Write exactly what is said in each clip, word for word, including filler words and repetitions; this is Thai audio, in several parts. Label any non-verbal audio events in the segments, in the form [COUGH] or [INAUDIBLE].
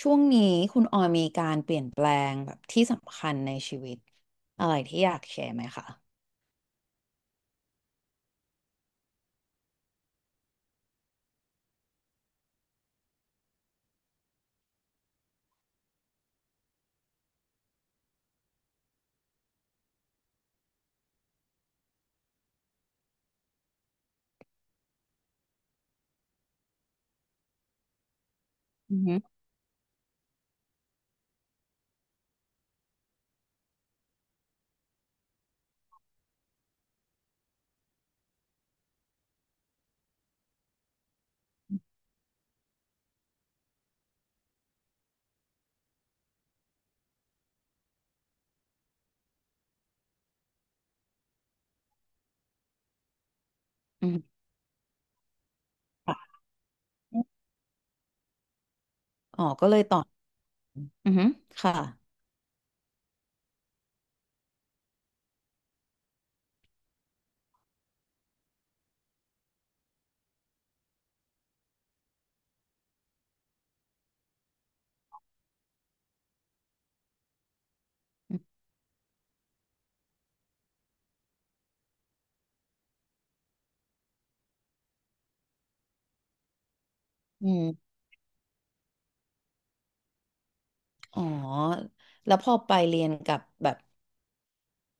ช่วงนี้คุณออยมีการเปลี่ยนแปลงแบบที่สำคัญในชีวิตอะไรที่อยากแชร์ไหมคะอือฮึอือฮึค่ะอ๋อก็เลยตอบอือหึค่ะอืมอ๋อ แล้วพอไปเรียนกับแบบ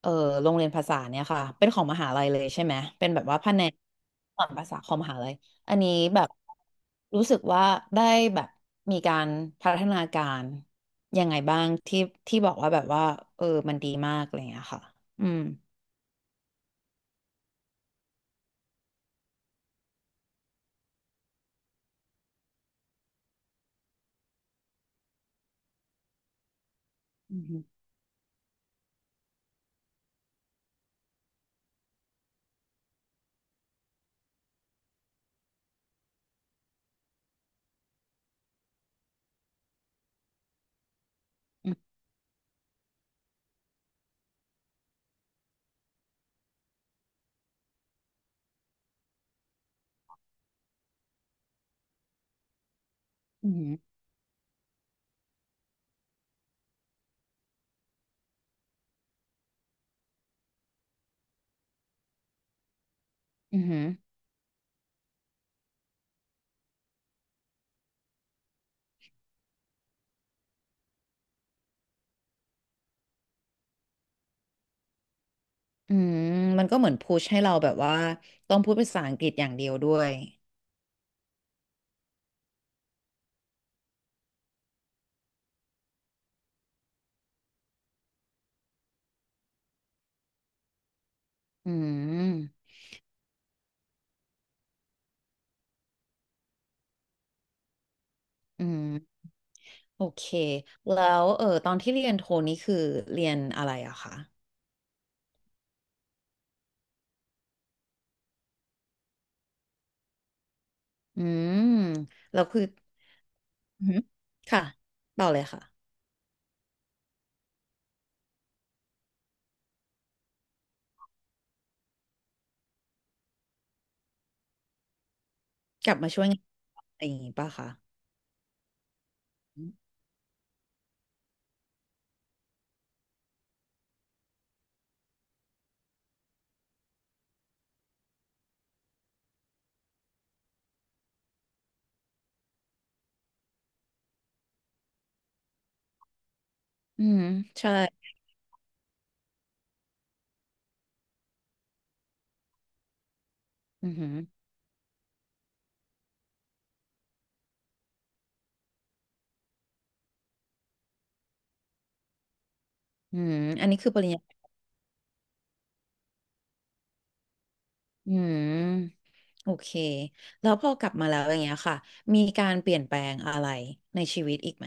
เออโรงเรียนภาษาเนี่ยค่ะ เป็นของมหาลัยเลยใช่ไหม เป็นแบบว่าแผนกสอนภาษาของมหาลัย อันนี้แบบรู้สึกว่าได้แบบมีการพัฒนาการยังไงบ้างที่ที่บอกว่าแบบว่าเออมันดีมากอะไรอย่างเงี้ยค่ะอืม อืมอืมอืมอืมอืมมันก็เหมือนพุชให้เราแบบว่าต้องพูดภาษาอังกฤษอย่างเดียวด้วยอืมอืมโอเค แล้วเออตอนที่เรียนโทนี่คือเรียนอะไรอะคะอืมแล้วคืออืมค่ะต่อเลยค่ะกลับมาช่วยงานอะไรอย่างงี้ป่ะคะอืม ใช่อืมอหืออืมอันนี้คือปริญญาอืม โอเค แล้วพอกลับมาแล้วอย่างเงี้ยค่ะ มีการเปลี่ยนแปลงอะไรในชีวิตอีกไหม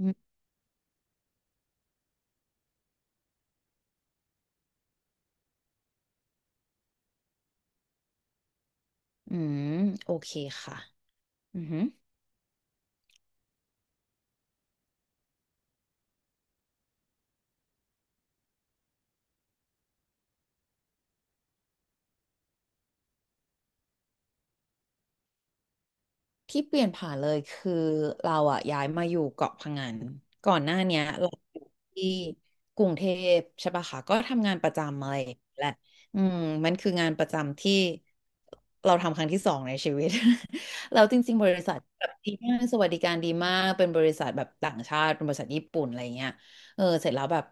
อืมอืมโอเคค่ะอือฮึ ที่เปลี่ยนผ่านเลยคือเราอะย้ายมาอยู่เกาะพะงันก่อนหน้าเนี้ยเราอยู่ที่กรุงเทพใช่ปะคะก็ทำงานประจำอะไรอย่างเงี้ยแหละอืมมันคืองานประจำที่เราทำครั้งที่สองในชีวิต [LAUGHS] เราจริงๆบริษัทแบบดีมากสวัสดิการดีมากเป็นบริษัทแบบต่างชาติเป็นบริษัทญี่ปุ่นอะไรเงี้ยเออเสร็จแล้วแบบ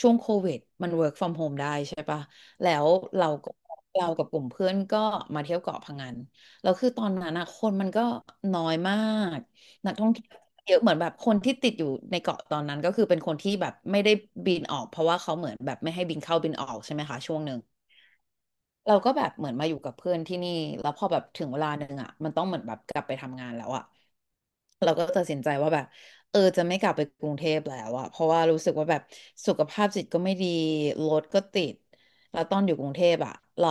ช่วงโควิดมัน work from home ได้ใช่ปะแล้วเราก็เรากับกลุ่มเพื่อนก็มาเที่ยวเกาะพะงัน แล้วคือตอนนั้นอะคนมันก็น้อยมากนักท่องเที่ยวเยอะเหมือนแบบคนที่ติดอยู่ในเกาะตอนนั้นก็คือเป็นคนที่แบบไม่ได้บินออกเพราะว่าเขาเหมือนแบบไม่ให้บินเข้าบินออกใช่ไหมคะช่วงหนึ่ง เราก็แบบเหมือนมาอยู่กับเพื่อนที่นี่แล้วพอแบบถึงเวลาหนึ่งอ่ะมันต้องเหมือนแบบกลับไปทำงานแล้วอ่ะเราก็ตัดสินใจว่าแบบเออจะไม่กลับไปกรุงเทพแล้วอ่ะเพราะว่ารู้สึกว่าแบบสุขภาพจิตก็ไม่ดีรถก็ติดแล้วตอนอยู่กรุงเทพอ่ะเรา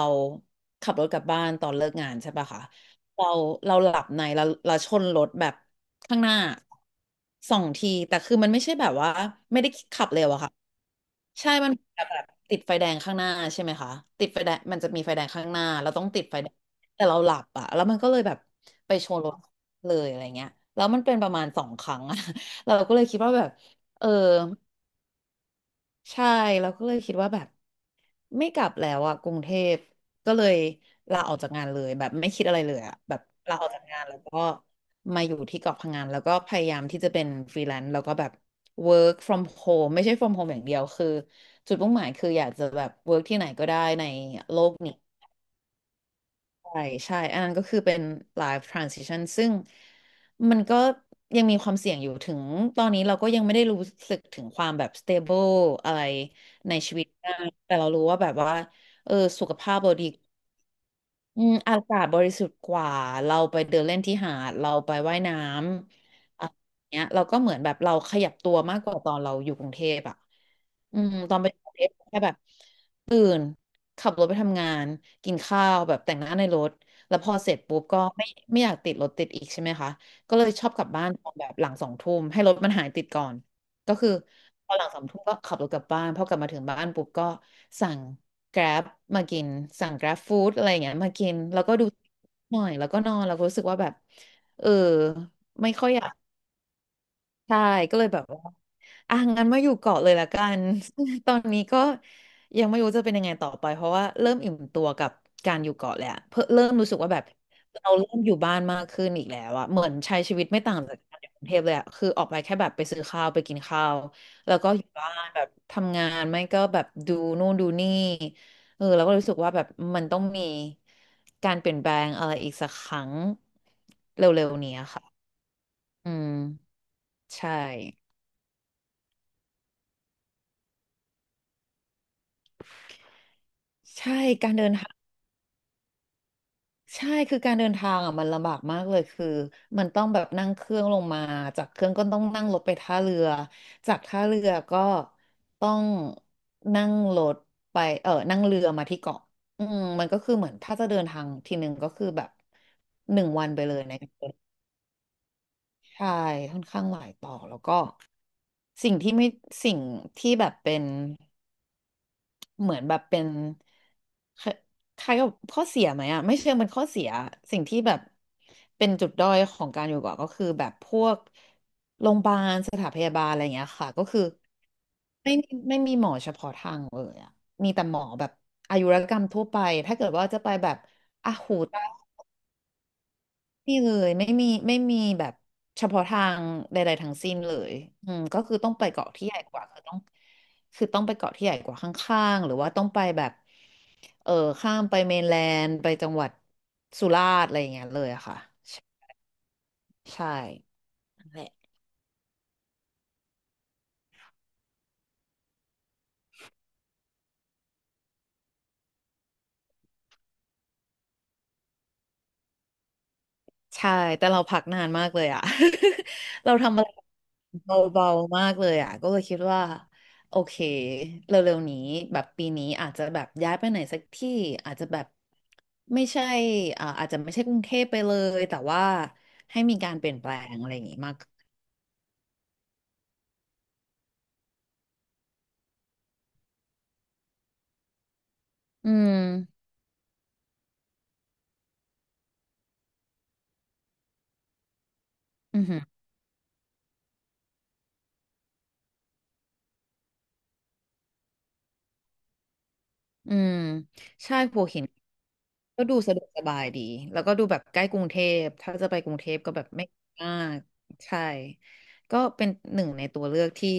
ขับรถกลับบ้านตอนเลิกงานใช่ปะคะเราเราหลับในเราเราชนรถแบบข้างหน้าสองทีแต่คือมันไม่ใช่แบบว่าไม่ได้ขับเร็วอะค่ะ ใช่มันแบบติดไฟแดงข้างหน้าใช่ไหมคะ ติดไฟแดงมันจะมีไฟแดงข้างหน้าเราต้องติดไฟแดงแต่เราหลับอะแล้วมันก็เลยแบบไปชนรถเลยอะไรเงี้ยแล้วมันเป็นประมาณสองครั้งอะ [LAUGHS] เราก็เลยคิดว่าแบบ เออใช่เราก็เลยคิดว่าแบบ ไม่กลับแล้วอะกรุงเทพก็เลยลาออกจากงานเลยแบบไม่คิดอะไรเลยอะแบบลาออกจากงานแล้วก็มาอยู่ที่เกาะพังงานแล้วก็พยายามที่จะเป็นฟรีแลนซ์แล้วก็แบบ work from home ไม่ใช่ from home อย่างเดียวคือจุดมุ่งหมายคืออยากจะแบบ work ที่ไหนก็ได้ในโลกนี้ ใช่ใช่ อันนั้นก็คือเป็น live transition ซึ่งมันก็ยังมีความเสี่ยงอยู่ถึงตอนนี้เราก็ยังไม่ได้รู้สึกถึงความแบบ stable อะไรในชีวิตมากแต่เรารู้ว่าแบบว่าเออสุขภาพเราดีอืมอากาศบริสุทธิ์กว่า เราไปเดินเล่นที่หาด เราไปว่ายน้ำอะไรอย่างเงี้ยเราก็เหมือนแบบเราขยับตัวมากกว่าตอนเราอยู่กรุงเทพอ่ะอืมตอนไปกรุงเทพแค่แบบ ขับรถไปทำงานกินข้าวแบบแต่งหน้าในรถแล้วพอเสร็จปุ๊บก็ไม่ไม่อยากติดรถติดอีกใช่ไหมคะก็เลยชอบกลับบ้านตอนแบบหลังสองทุ่มให้รถมันหายติดก่อนก็คือพอหลังสองทุ่มก็ขับรถกลับบ้านพอกลับมาถึงบ้านปุ๊บก็สั่ง Grab มากินสั่ง Grab Food อะไรอย่างเงี้ยมากินแล้วก็ดูหน่อยแล้วก็นอนแล้วก็รู้สึกว่าแบบเออไม่ค่อยอยาก ใช่ก็เลยแบบว่าอ่ะงั้นมาอยู่เกาะเลยละกัน [LAUGHS] ตอนนี้ก็ยังไม่รู้จะเป็นยังไงต่อไปเพราะว่าเริ่มอิ่มตัวกับการอยู่เกาะแหละเพิ่มเริ่มรู้สึกว่าแบบเราเริ่มอยู่บ้านมากขึ้นอีกแล้วอะเหมือนใช้ชีวิตไม่ต่างจากการอยู่กรุงเทพเลยอะคือออกไปแค่แบบไปซื้อข้าวไปกินข้าวแล้วก็อยู่บ้านแบบทำงานไม่ก็แบบดูนู่นดูนี่เออเราก็รู้สึกว่าแบบมันต้องมีการเปลี่ยนแปลงอะไรอีกสักครั้งเร็วๆนี้อะค่ะอืมใช่ ใช่การเดินทางใช่คือการเดินทางอ่ะมันลำบากมากเลยคือมันต้องแบบนั่งเครื่องลงมาจากเครื่องก็ต้องนั่งรถไปท่าเรือจากท่าเรือก็ต้องนั่งรถไปเออนั่งเรือมาที่เกาะอืมมันก็คือเหมือนถ้าจะเดินทางทีหนึ่งก็คือแบบหนึ่งวันไปเลยนะใช่ค่อนข้างหลายต่อแล้วก็สิ่งที่ไม่สิ่งที่แบบเป็น เหมือนแบบเป็นคล้คล้ายกับข้อเสียไหมอ่ะไม่เชิงเป็นข้อเสียสิ่งที่แบบเป็นจุดด้อยของการอยู่เกาะก็คือแบบพวกโรงพยาบาลสถานพยาบาลอะไรอย่างเงี้ยค่ะก็คือไม่มีไม่มีหมอเฉพาะทางเลยอ่ะมีแต่หมอแบบอายุรกรรมทั่วไปถ้าเกิดว่าจะไปแบบอ่ะหูตา นี่เลยไม่มีไม่มีแบบเฉพาะทางใดๆทั้งสิ้นเลยอืมก็คือต้องไปเกาะที่ใหญ่กว่าคือต้องคือต้องไปเกาะที่ใหญ่กว่าข้างๆหรือว่าต้องไปแบบเออข้ามไปเมนแลนด์ไปจังหวัดสุราษฎร์อะไรอย่างเงี้ยเลยอะค่ะใช่นั่ะ ใช่แต่เราพักนานมากเลยอ่ะ [LAUGHS] เราทำอะไรเบาๆมากเลยอ่ะก็เลยคิดว่าโอเคเร็วๆนี้แบบปีนี้อาจจะแบบย้ายไปไหนสักที่อาจจะแบบไม่ใช่อ่าอาจจะไม่ใช่กรุงเทพไปเลยแต่ว่าให้มีการเปลี่ยนแปลงอะไรอย่างงี้มากอืมอือหืออืมใช่หัวหิน ก็ดูสะดวกสบายดี แล้วก็ดูแบบใกล้กรุงเทพ ถ้าจะไปกรุงเทพก็แบบไม่มากใช่ ก็เป็นหนึ่งในตัวเลือกที่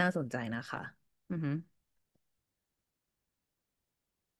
น่าสนใจนะคะอือฮึ